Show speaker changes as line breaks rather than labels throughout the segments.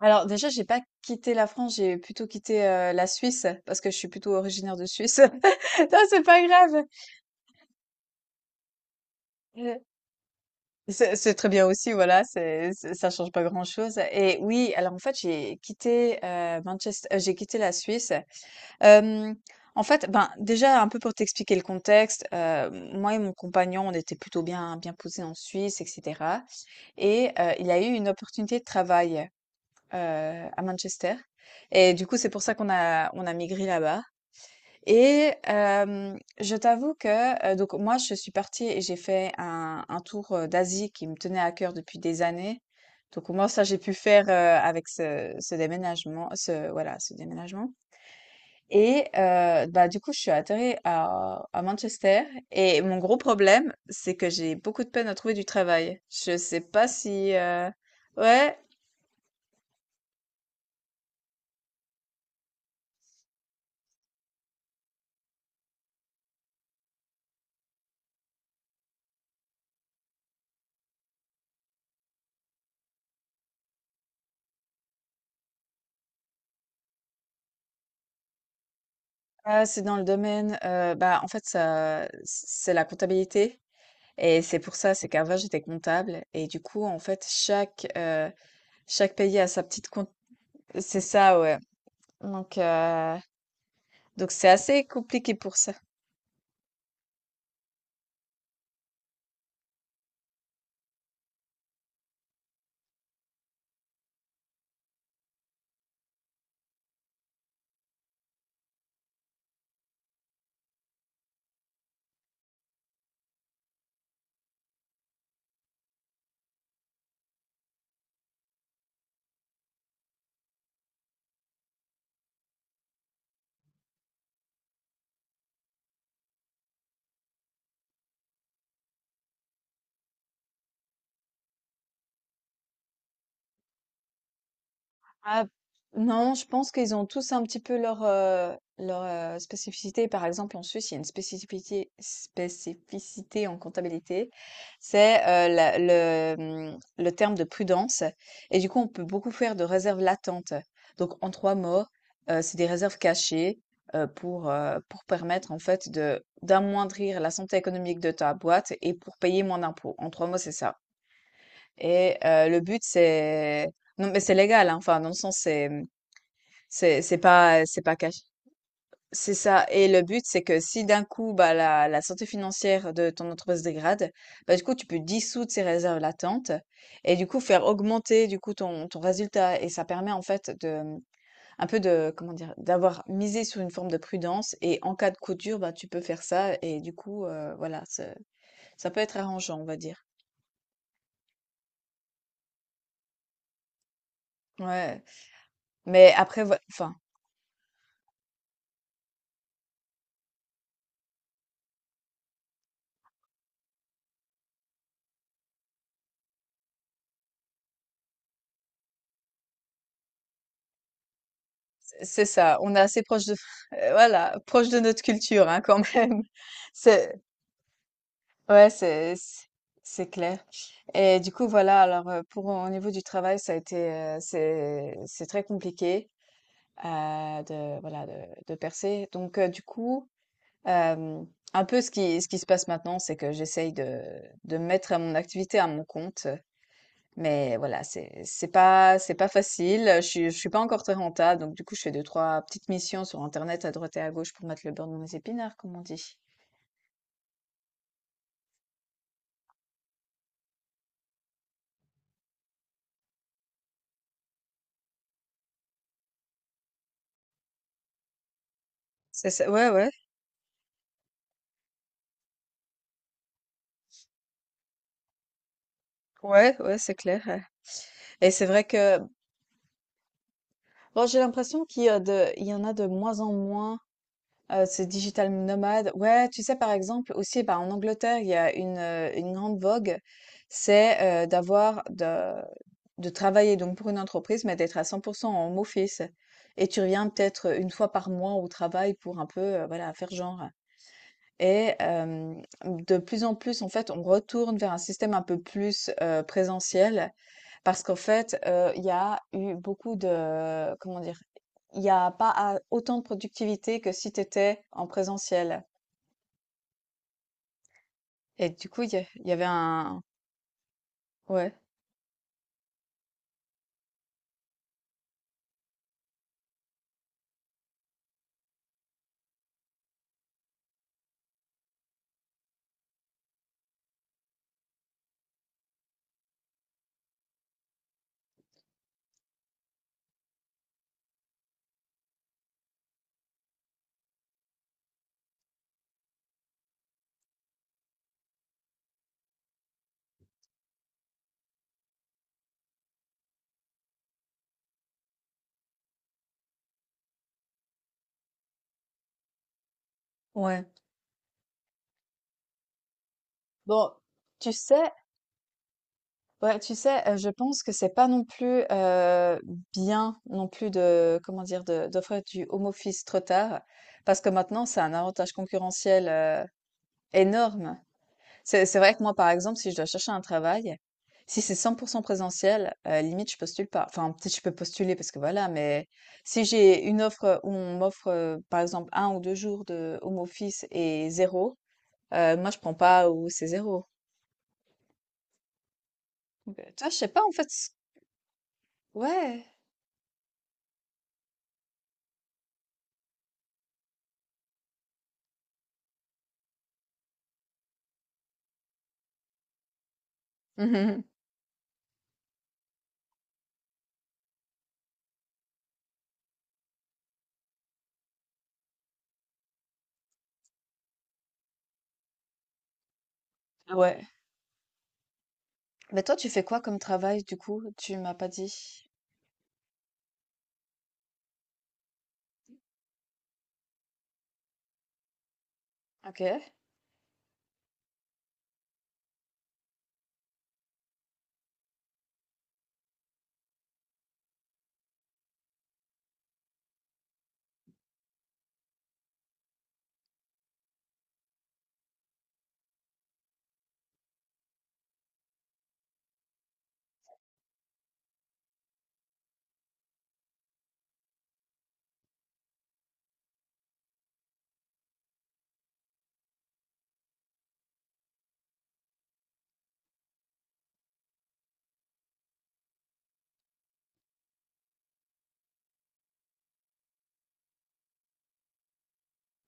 Alors déjà, j'ai pas quitté la France, j'ai plutôt quitté, la Suisse parce que je suis plutôt originaire de Suisse. Non, c'est pas grave. Heu, c'est très bien aussi, voilà, c'est ça change pas grand-chose. Et oui, alors en fait, j'ai quitté, Manchest j'ai quitté la Suisse. Hem, En fait, ben, déjà un peu pour t'expliquer le contexte, moi et mon compagnon, on était plutôt bien posés en Suisse et cetera, et il a eu une opportunité de travail. heu, à Manchester, et du coup, c'est pour ça qu'on a migré là-bas. Et je t'avoue que, donc moi, je suis partie et j'ai fait un tour, d'Asie qui me tenait à cœur depuis des années. Donc moi ça, j'ai pu faire, avec ce déménagement, ce déménagement. Et bah, du coup, je suis atterrie à Manchester, et mon gros problème, c'est que j'ai beaucoup de peine à trouver du travail. Je sais pas si, ouais. Ah, c'est dans le domaine, bah, en fait, ça c'est la comptabilité, et c'est pour ça, c'est qu'avant j'étais comptable, et du coup, en fait, chaque, chaque pays a sa petite compte, c'est ça, ouais, donc heu, donc c'est assez compliqué pour ça. Ah, non, je pense qu'ils ont tous un petit peu leur, leur spécificité. Par exemple, en Suisse, il y a une spécificité, spécificité en comptabilité, c'est le terme de prudence. Et du coup, on peut beaucoup faire de réserves latentes. Donc, en trois mots, c'est des réserves cachées, pour permettre en fait de d'amoindrir la santé économique de ta boîte et pour payer moins d'impôts. En trois mots, c'est ça. Et le but, c'est... Non, mais c'est légal, hein. Enfin, dans le sens, c'est... mmh, c'est pas c'est pas caché. C'est ça. Et le but, c'est que si d'un coup, bah, la santé financière de ton entreprise se dégrade, bah, du coup, tu peux dissoudre ces réserves latentes, et du coup, faire augmenter du coup ton résultat. Et ça permet en fait de, mmh, un peu de, comment dire, d'avoir misé sur une forme de prudence. Et en cas de coup dur, bah, tu peux faire ça. Et du coup, voilà, ça peut être arrangeant, on va dire. Ouais, mais après, enfin, c'est ça. On est assez proche de, voilà, proche de notre culture, hein, quand même. C'est- ouais, c'est clair. Et du coup, voilà, alors pour au niveau du travail, ça a été c'est très compliqué de de percer. Donc du coup, euh, un peu ce qui se passe maintenant, c'est que j'essaye de mettre à mon activité à mon compte. Mais voilà, c'est pas c'est pas facile. Je suis pas encore très rentable, donc du coup, je fais deux trois petites missions sur Internet à droite et à gauche pour mettre le beurre dans mes épinards, comme on dit. C'est ça, ouais, ouais, ouais, ouais, c'est clair. Et c'est vrai que bon, j'ai l'impression qu'il y a il y en a de moins en moins, ces digital nomades. Ouais, tu sais, par exemple, aussi, bah, en Angleterre, il y a une grande vogue, c'est de travailler donc pour une entreprise, mais d'être à 100% en home office. Et tu reviens peut-être une fois par mois au travail pour un peu, voilà, faire genre. Et de plus en plus, en fait, on retourne vers un système un peu plus présentiel. Parce qu'en fait, il y a eu beaucoup de, comment dire? Il y a pas a autant de productivité que si tu étais en présentiel, et du coup, il y avait un ouais, ouais. Bon, tu sais ouais, tu sais, je pense que c'est pas non plus, bien non plus de, comment dire? De d'offrir du home office trop tard, parce que maintenant, c'est un avantage concurrentiel, énorme. C'est vrai que moi, par exemple, si je dois chercher un travail, si c'est cent pour 100 présentiel, limite, je postule pas. Enfin, peut-être je peux postuler parce que voilà, mais si j'ai une offre où on m'offre, par exemple un ou 2 jours de home office et zéro moi je prends pas, ou c'est zéro. Donc, tu je sais pas en fait c ouais. Mmh. Ah ouais. Mais toi, tu fais quoi comme travail du coup? Tu m'as pas dit. OK.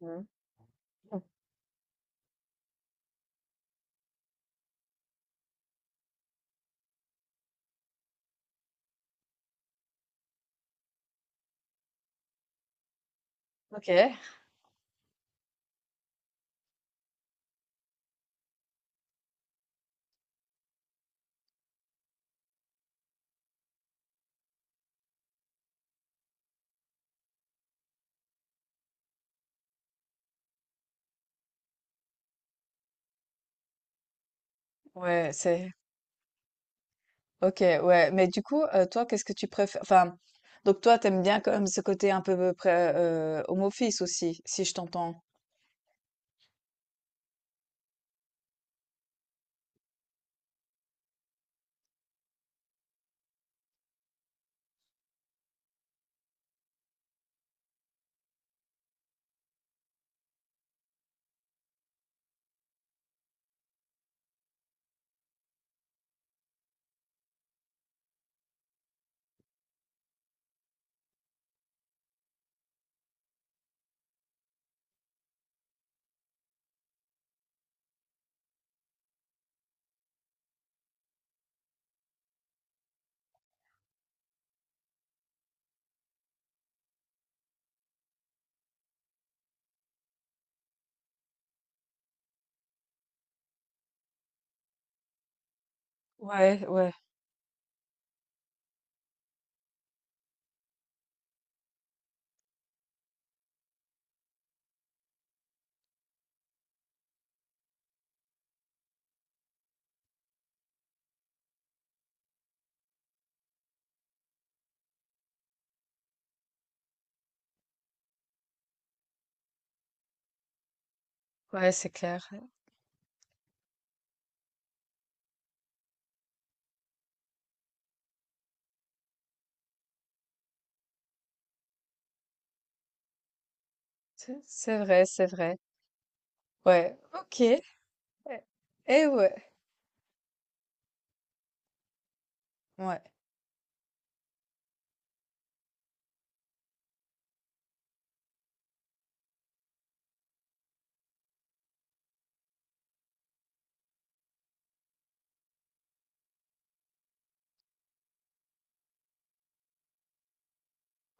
Mmh. Mmh. OK. Ouais, c'est ok, ouais. Mais du coup, toi, qu'est-ce que tu préfères? Enfin, donc toi, t'aimes bien quand même ce côté un peu près, home office aussi, si je t'entends. Ouais, ouais, ouais, c'est clair. C'est vrai, c'est vrai. Ouais, ok. Eh eh ouais, ouais.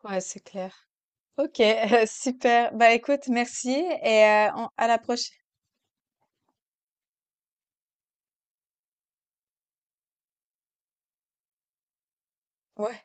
Ouais, c'est clair. Ok, super. Bah écoute, merci et on- à la prochaine. Ouais.